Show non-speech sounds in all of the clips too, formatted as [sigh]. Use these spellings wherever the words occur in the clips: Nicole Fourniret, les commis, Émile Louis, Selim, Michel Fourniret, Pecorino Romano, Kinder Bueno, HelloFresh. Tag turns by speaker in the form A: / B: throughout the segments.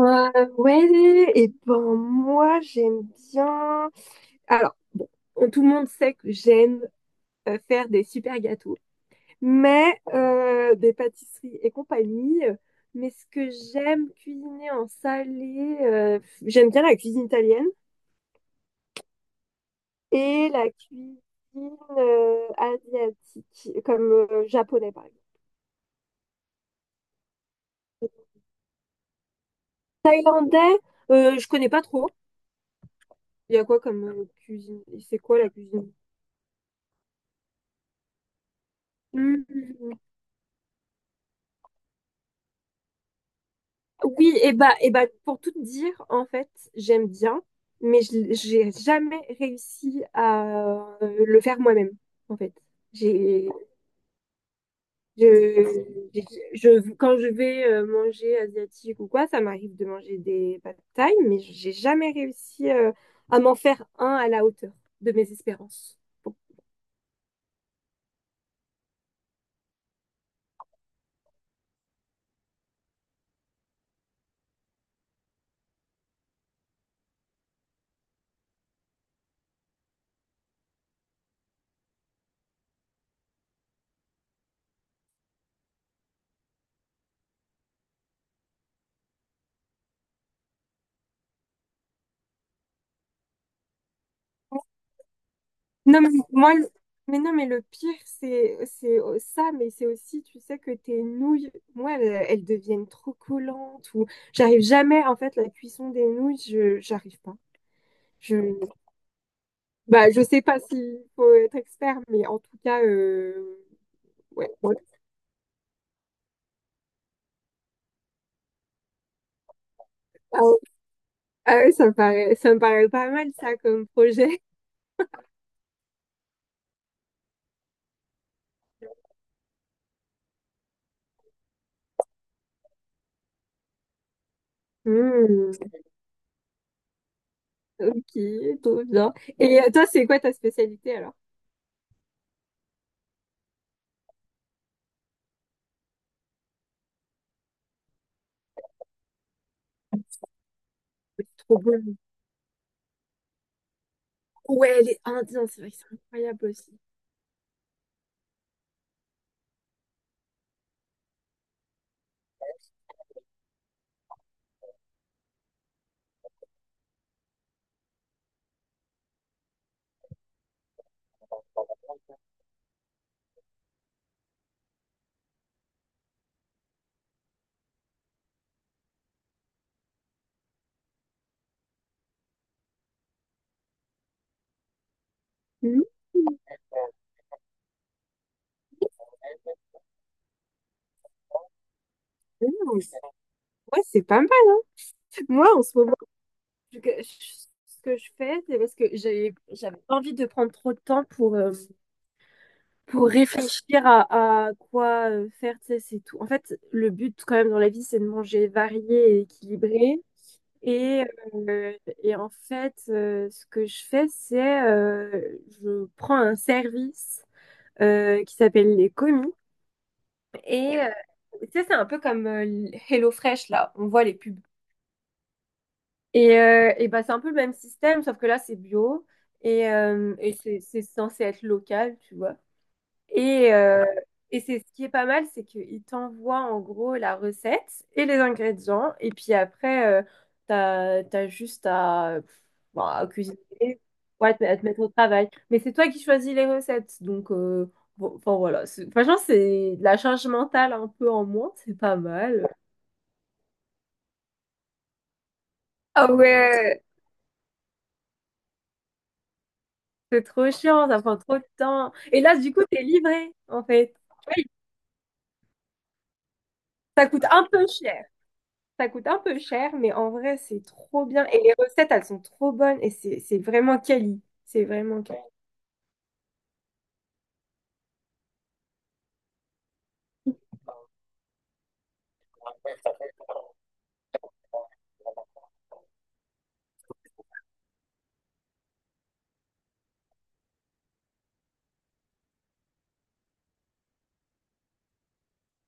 A: Euh, ouais, et ben moi j'aime bien. Alors, bon, tout le monde sait que j'aime faire des super gâteaux, mais des pâtisseries et compagnie. Mais ce que j'aime cuisiner en salé, j'aime bien la cuisine italienne et la cuisine asiatique, comme japonais par exemple. Thaïlandais, je connais pas trop. Il y a quoi comme cuisine? C'est quoi la cuisine? Oui, et bah, pour tout te dire, en fait, j'aime bien, mais j'ai jamais réussi à le faire moi-même, en fait. J'ai, je, j'ai- quand je vais manger asiatique ou quoi, ça m'arrive de manger des pad thaï, mais j'ai jamais réussi à m'en faire un à la hauteur de mes espérances. Non, mais moi, le- mais non, mais le pire, c'est au- ça, mais c'est aussi, tu sais, que tes nouilles, moi, elles, elles deviennent trop collantes ou j'arrive jamais, en fait, la cuisson des nouilles, je j'arrive pas. Je bah, je sais pas s'il faut être expert, mais en tout cas, ouais. Ah oui, ça me paraît pas mal, ça, comme projet. Hmm, ok, trop bien. Et toi, c'est quoi ta spécialité, alors? C'est trop bon. Ouais, les Indiens, c'est vrai que c'est incroyable aussi. Hmm, hmm. Ouais, c'est pas mal, hein. Moi, en ce moment, ce que je, ce que je fais, c'est parce que j'avais pas envie de prendre trop de temps pour réfléchir à quoi faire, tu sais, c'est tout. En fait, le but quand même dans la vie, c'est de manger varié et équilibré. Et, euh, et en fait, ce que je fais, c'est je prends un service qui s'appelle les commis. Et tu sais, c'est un peu comme HelloFresh, là. On voit les pubs. Et bah, c'est un peu le même système, sauf que là, c'est bio et c'est censé être local, tu vois. Et, euh, et c'est ce qui est pas mal, c'est qu'ils t'envoient en gros la recette et les ingrédients. Et puis après, t'as juste à, bon, à cuisiner, ouais, à te mettre au travail. Mais c'est toi qui choisis les recettes. Donc, bon, enfin voilà. C'est- Franchement, c'est de la charge mentale un peu en moins, c'est pas mal. Ah ouais. C'est trop chiant, ça prend trop de temps. Et là, du coup, t'es livré, en fait. Ça coûte un peu cher. Ça coûte un peu cher, mais en vrai, c'est trop bien. Et les recettes, elles sont trop bonnes. Et c'est vraiment quali. C'est vraiment quali.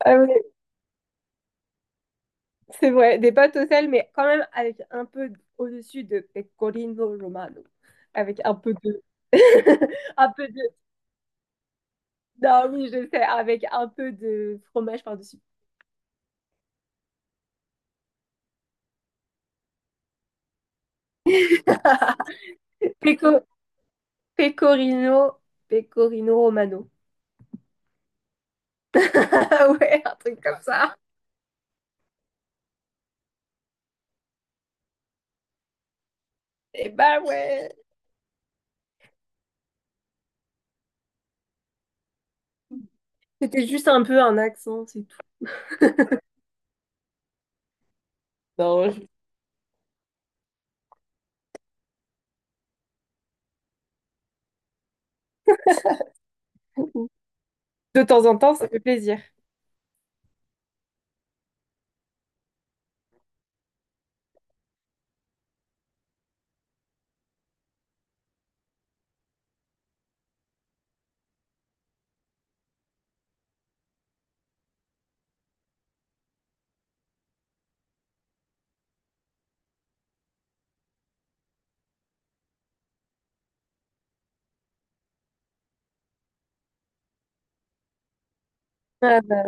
A: Ah ouais, c'est vrai, des pâtes au sel, mais quand même avec un peu au-dessus de pecorino romano. Avec un peu de... [laughs] un peu de... Non, oui, je sais, avec un peu de fromage par-dessus. [laughs] Peco... Pecorino... Pecorino romano. [laughs] Ouais, un truc comme ça. Eh bah ouais. C'était juste un peu un accent, c'est tout. Non, je- De temps en temps, ça fait plaisir. Ah bah,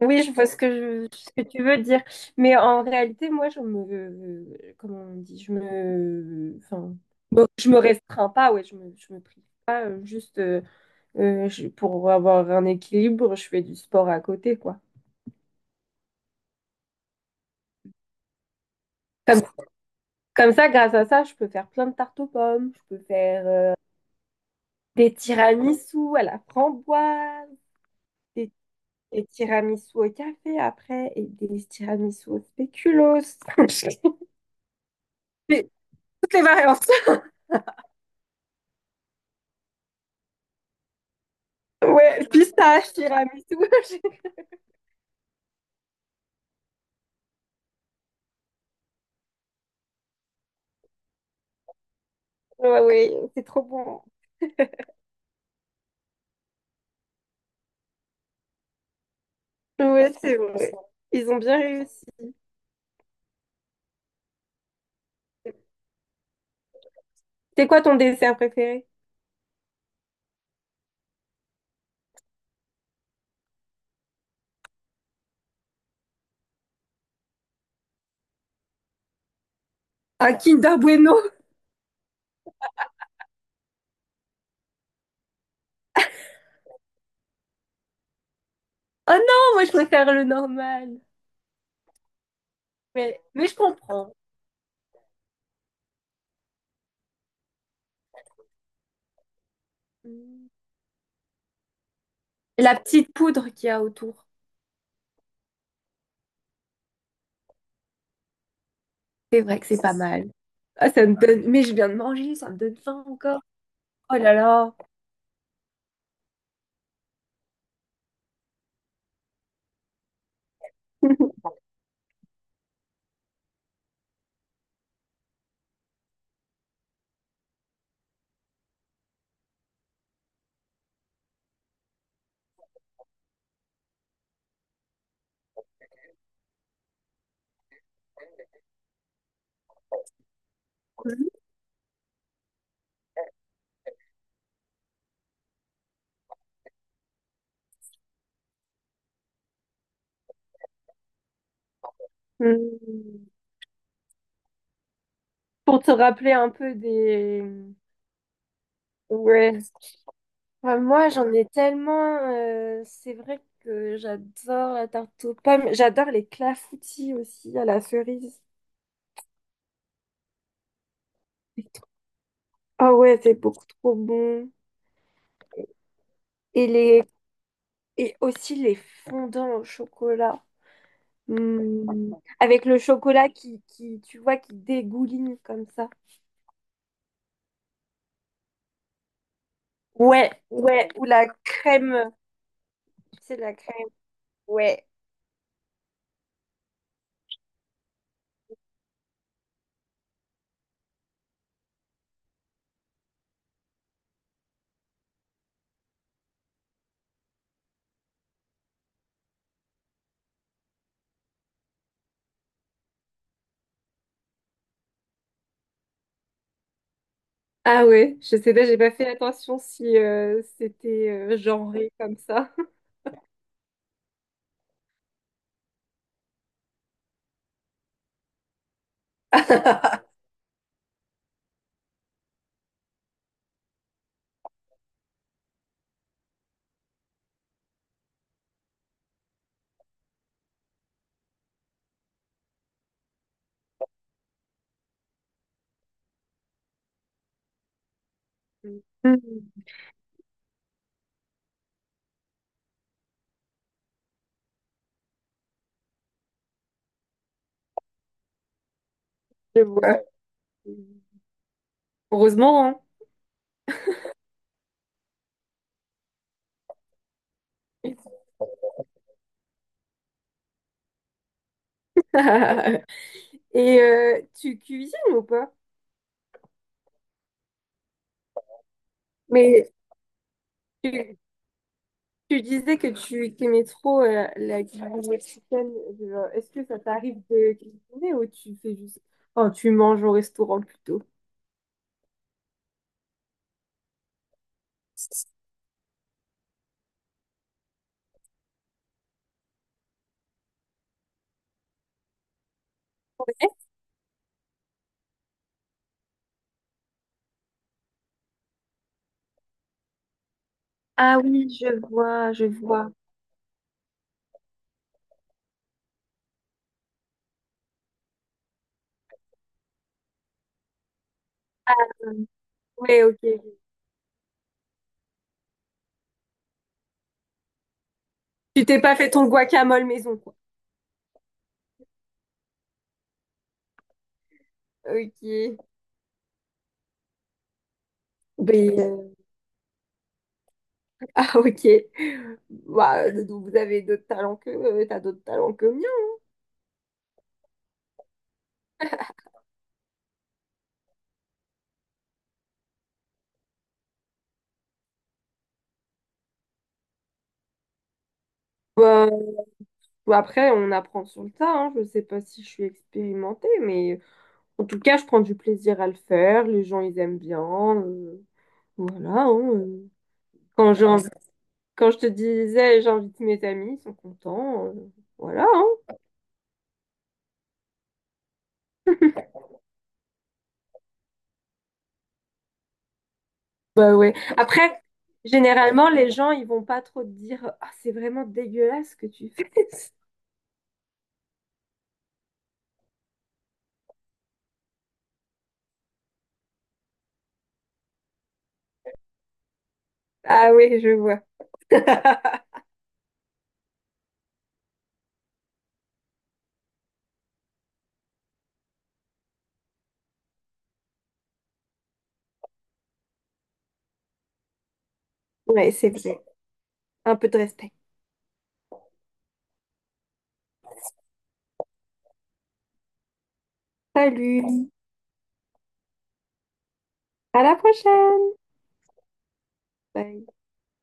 A: oui, je vois ce que tu veux dire. Mais en réalité, moi, comment on dit, enfin, bon, je me restreins pas, ouais, je me prive pas, pour avoir un équilibre, je fais du sport à côté, quoi. Comme, comme ça, grâce à ça, je peux faire plein de tartes aux pommes, je peux faire des tiramisu à la framboise, des. Et tiramisu au café après, et des tiramisu au spéculoos. [laughs] J'ai toutes les variantes. [laughs] Ouais, pistache, tiramisu. [laughs] Ouais, ouais, c'est trop bon. Ouais, c'est vrai. Ils ont bien réussi. C'est quoi ton dessert préféré? Un Kinder Bueno. Oh non, moi je préfère le normal. Mais je comprends. La petite poudre qu'il y a autour. C'est vrai que c'est pas mal. Ah, ça me donne... Mais je viens de manger, ça me donne faim encore. Oh là là. [laughs] Mm. Pour te rappeler un peu des... Ouais. Enfin, moi, j'en ai tellement. C'est vrai que j'adore la tarte aux pommes. J'adore les clafoutis aussi à la cerise. C'est trop- Ah ouais, c'est beaucoup trop bon. Et les et aussi les fondants au chocolat. Hmm. Avec le chocolat qui, tu vois, qui dégouline comme ça. Ouais, ouais. Ou la crème. C'est la crème. Ouais. Ah ouais, je sais pas, j'ai pas fait attention si c'était genré comme ça. [laughs] Hmm, je vois. Heureusement, hein. [laughs] Et tu cuisines ou pas? Mais Tu, tu disais que tu aimais trop la cuisine mexicaine. Genre, est-ce que ça t'arrive de cuisiner ou tu fais juste... Oh, tu manges au restaurant plutôt. Ouais. Ah oui, je vois. Ouais, ok. Tu t'es pas fait ton guacamole maison, quoi. Ok. Ben. [laughs] Ok. Bah, vous avez d'autres talents que miens. Hein. Bah, après, on apprend sur le tas, hein. Je sais pas si je suis expérimentée, mais en tout cas, je prends du plaisir à le faire. Les gens, ils aiment bien. Voilà. Hein. Quand j'ai envie- Quand je te disais, j'invite mes amis, ils sont contents. Voilà. hein. Bah ouais. Après, généralement, les gens, ils vont pas trop te dire, ah, c'est vraiment dégueulasse ce que tu fais. Ah oui, je vois. Ouais, c'est vrai. Un peu de respect. Salut. À la prochaine. Bye.